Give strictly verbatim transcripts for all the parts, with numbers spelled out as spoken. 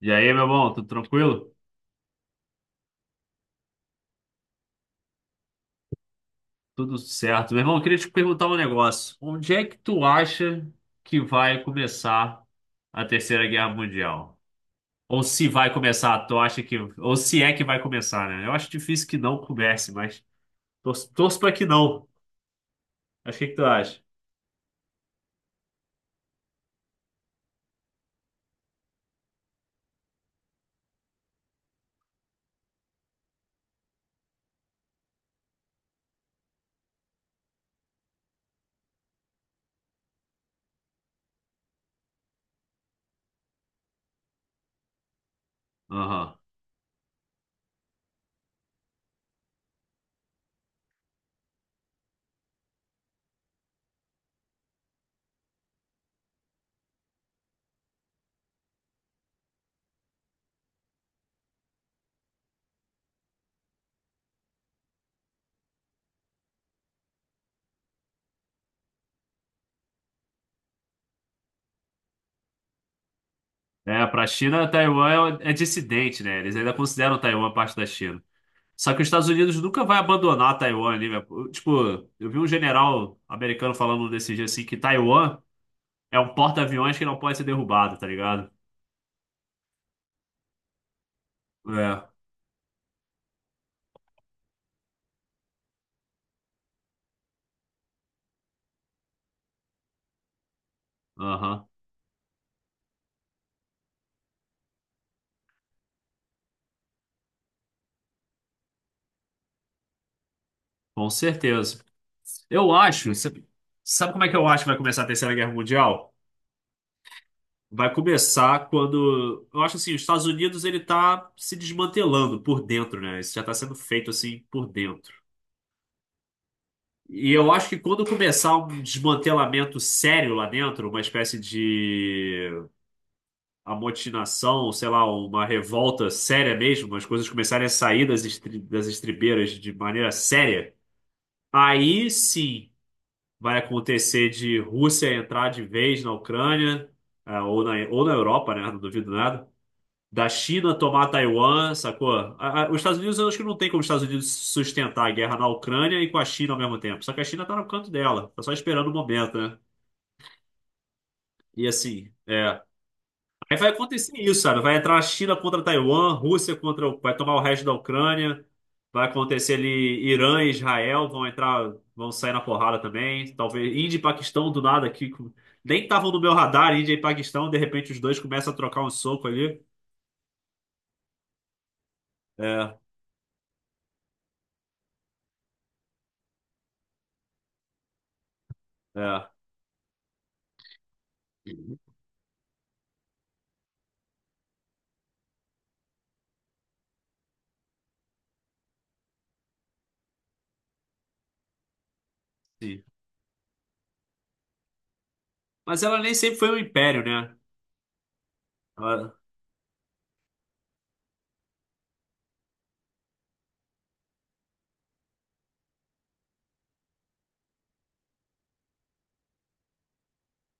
E aí, meu irmão, tudo tranquilo? Tudo certo. Meu irmão, eu queria te perguntar um negócio. Onde é que tu acha que vai começar a Terceira Guerra Mundial? Ou se vai começar, tu acha que. Ou se é que vai começar, né? Eu acho difícil que não comece, mas torço, torço pra que não. Mas o que que tu acha? Aham. É, para a China, Taiwan é, é dissidente, né? Eles ainda consideram Taiwan parte da China. Só que os Estados Unidos nunca vai abandonar Taiwan ali. né? Tipo, eu vi um general americano falando desse dia assim que Taiwan. É um porta-aviões que não pode ser derrubado, tá ligado? É. Aham. Com certeza. Eu acho. Sabe sabe como é que eu acho que vai começar a Terceira Guerra Mundial? Vai começar quando. Eu acho assim, os Estados Unidos ele tá se desmantelando por dentro, né? Isso já tá sendo feito assim por dentro. E eu acho que quando começar um desmantelamento sério lá dentro, uma espécie de amotinação, sei lá, uma revolta séria mesmo, as coisas começarem a sair das, estri- das estribeiras de maneira séria. Aí sim vai acontecer de Rússia entrar de vez na Ucrânia, é, ou na, ou na Europa, né? Não duvido nada. Da China tomar Taiwan, sacou? A- a- os Estados Unidos, eu acho que não tem como os Estados Unidos sustentar a guerra na Ucrânia e com a China ao mesmo tempo. Só que a China tá no canto dela, tá só esperando o momento, né? E assim, é. Aí vai acontecer isso, sabe? Vai entrar a China contra Taiwan, Rússia contra o... vai tomar o resto da Ucrânia, vai acontecer ali Irã e Israel vão entrar, vão sair na porrada também. Talvez Índia e Paquistão do nada aqui, com- nem estavam no meu radar, Índia e Paquistão, de repente os dois começam a trocar um soco ali. É, é. Sim. Mas ela nem sempre foi um império, né? Ela-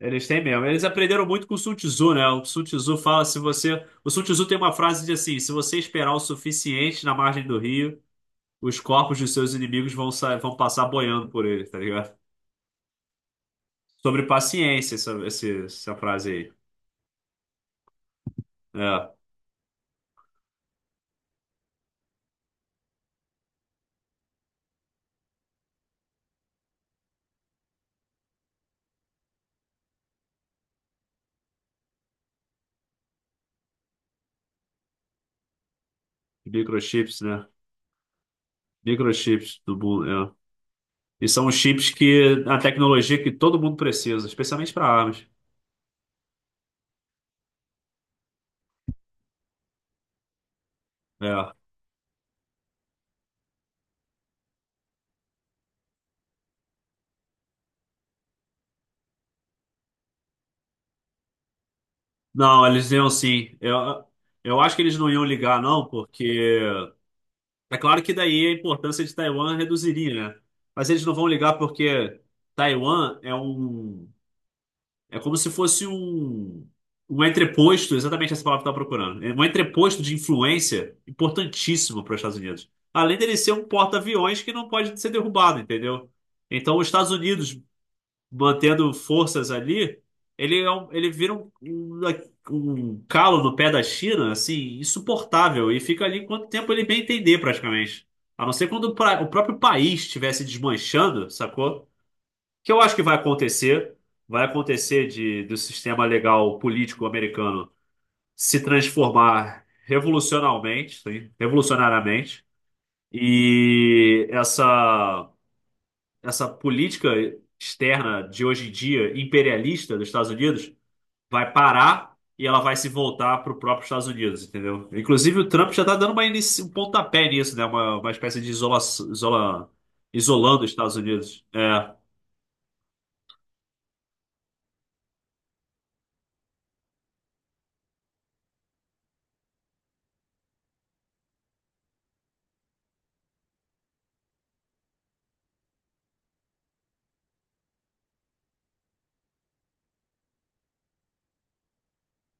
Eles têm mesmo. Eles aprenderam muito com o Sun Tzu, né? O Sun Tzu fala se você. O Sun Tzu tem uma frase de assim: se você esperar o suficiente na margem do rio os corpos de seus inimigos vão, sa- vão passar boiando por ele, tá ligado? Sobre paciência, essa, esse- essa frase aí. É, microchips, né? Microchips do mundo, é. E são os chips que a tecnologia que todo mundo precisa, especialmente para armas. É. Não, eles iam sim. Eu, eu acho que eles não iam ligar, não, porque é claro que daí a importância de Taiwan reduziria, né? Mas eles não vão ligar porque Taiwan é um. É como se fosse um, um entreposto, exatamente essa palavra que eu estava procurando. É um entreposto de influência importantíssimo para os Estados Unidos. Além dele ser um porta-aviões que não pode ser derrubado, entendeu? Então, os Estados Unidos mantendo forças ali, ele, é um- ele vira um, um, um calo no pé da China, assim, insuportável. E fica ali quanto tempo ele bem entender, praticamente. A não ser quando o pra- o próprio país estivesse desmanchando, sacou? Que eu acho que vai acontecer, vai acontecer de do sistema legal político americano se transformar revolucionalmente, sim, revolucionariamente, e essa essa política externa de hoje em dia imperialista dos Estados Unidos vai parar e ela vai se voltar para o próprio Estados Unidos, entendeu? Inclusive o Trump já está dando uma inici- um pontapé nisso, né? Uma, uma espécie de isola, isola, isolando os Estados Unidos. É.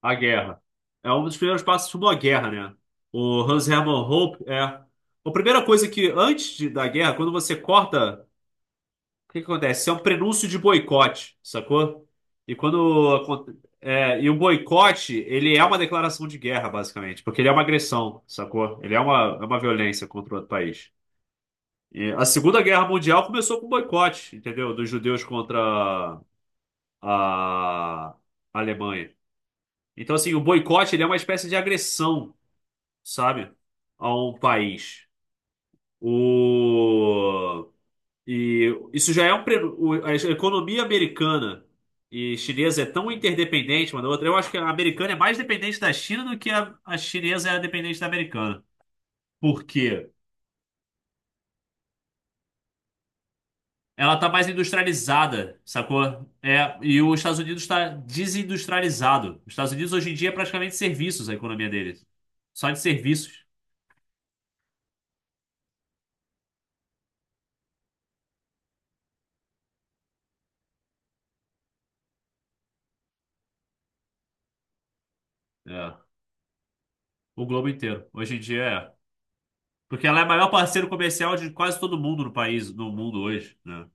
A Guerra. É um dos primeiros passos rumo à guerra, né? O Hans Hermann Hoppe é. A primeira coisa que, antes de- da guerra, quando você corta, o que que acontece? É um prenúncio de boicote, sacou? E quando. aconte- é, e o boicote, ele é uma declaração de guerra, basicamente, porque ele é uma agressão, sacou? Ele é uma, é uma violência contra outro país. E a Segunda Guerra Mundial começou com boicote, entendeu? Dos judeus contra a a Alemanha. Então, assim, o boicote, ele é uma espécie de agressão, sabe? Ao país. O... E isso já é um. pre- o- A economia americana e chinesa é tão interdependente uma da outra. Eu acho que a americana é mais dependente da China do que a, a chinesa é dependente da americana. Por quê? Ela está mais industrializada, sacou? É, e os Estados Unidos está desindustrializado. Os Estados Unidos hoje em dia é praticamente serviços a economia deles. Só de serviços. É, o globo inteiro. Hoje em dia é. Porque ela é o maior parceiro comercial de quase todo mundo no país, no mundo hoje, né?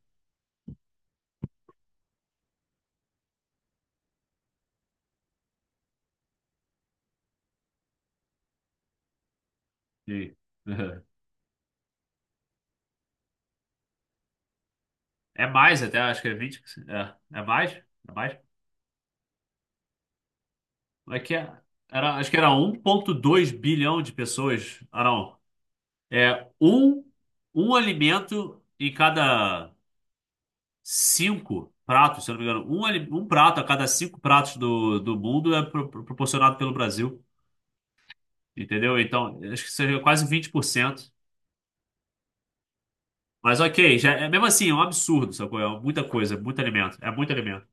Sim. É mais até, acho que é vinte. É, é mais? É mais? É que é- era, acho que era um ponto dois bilhão de pessoas. Ah, não. É um, um alimento em cada cinco pratos, se eu não me engano. Um, ali- um prato a cada cinco pratos do, do mundo é pro- pro- proporcionado pelo Brasil. Entendeu? Então, acho que seria quase vinte por cento. Mas ok, já, é, mesmo assim, é um absurdo, sacou? É muita coisa, muito alimento. É muito alimento.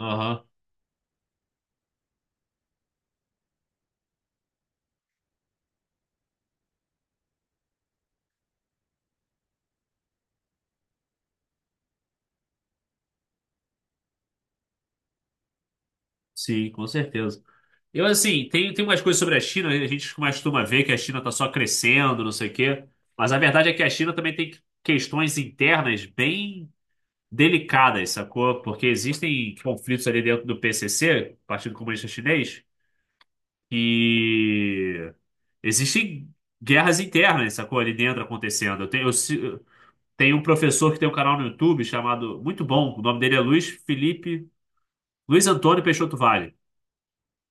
Aham, sim, com certeza. Eu, assim, tem, tem umas coisas sobre a China, a gente costuma ver que a China tá só crescendo, não sei o quê. Mas a verdade é que a China também tem questões internas bem delicadas, sacou? Porque existem conflitos ali dentro do P C C, Partido Comunista Chinês, que existem guerras internas, sacou? Ali dentro acontecendo. Eu tenho, eu, se- Tem um professor que tem um canal no YouTube chamado, muito bom, o nome dele é Luiz Felipe, Luiz Antônio Peixoto Vale.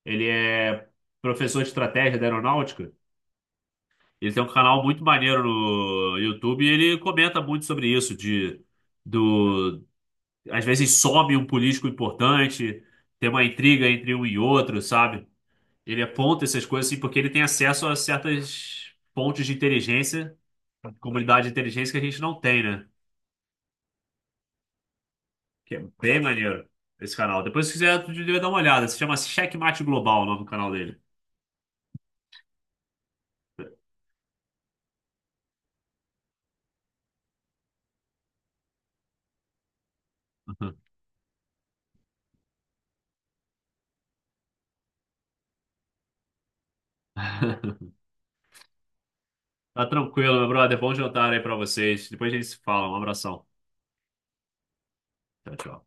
Ele é professor de estratégia da aeronáutica. Ele tem um canal muito maneiro no YouTube e ele comenta muito sobre isso, de do às vezes some um político importante, tem uma intriga entre um e outro, sabe? Ele aponta essas coisas assim porque ele tem acesso a certas fontes de inteligência, comunidade de inteligência que a gente não tem, né? Que é bem maneiro esse canal. Depois, se quiser, tu devia dar uma olhada. Se chama Checkmate Global, o nome do canal dele. Tá tranquilo, meu brother. Bom jantar aí pra vocês. Depois a gente se fala. Um abração. Tchau, tchau.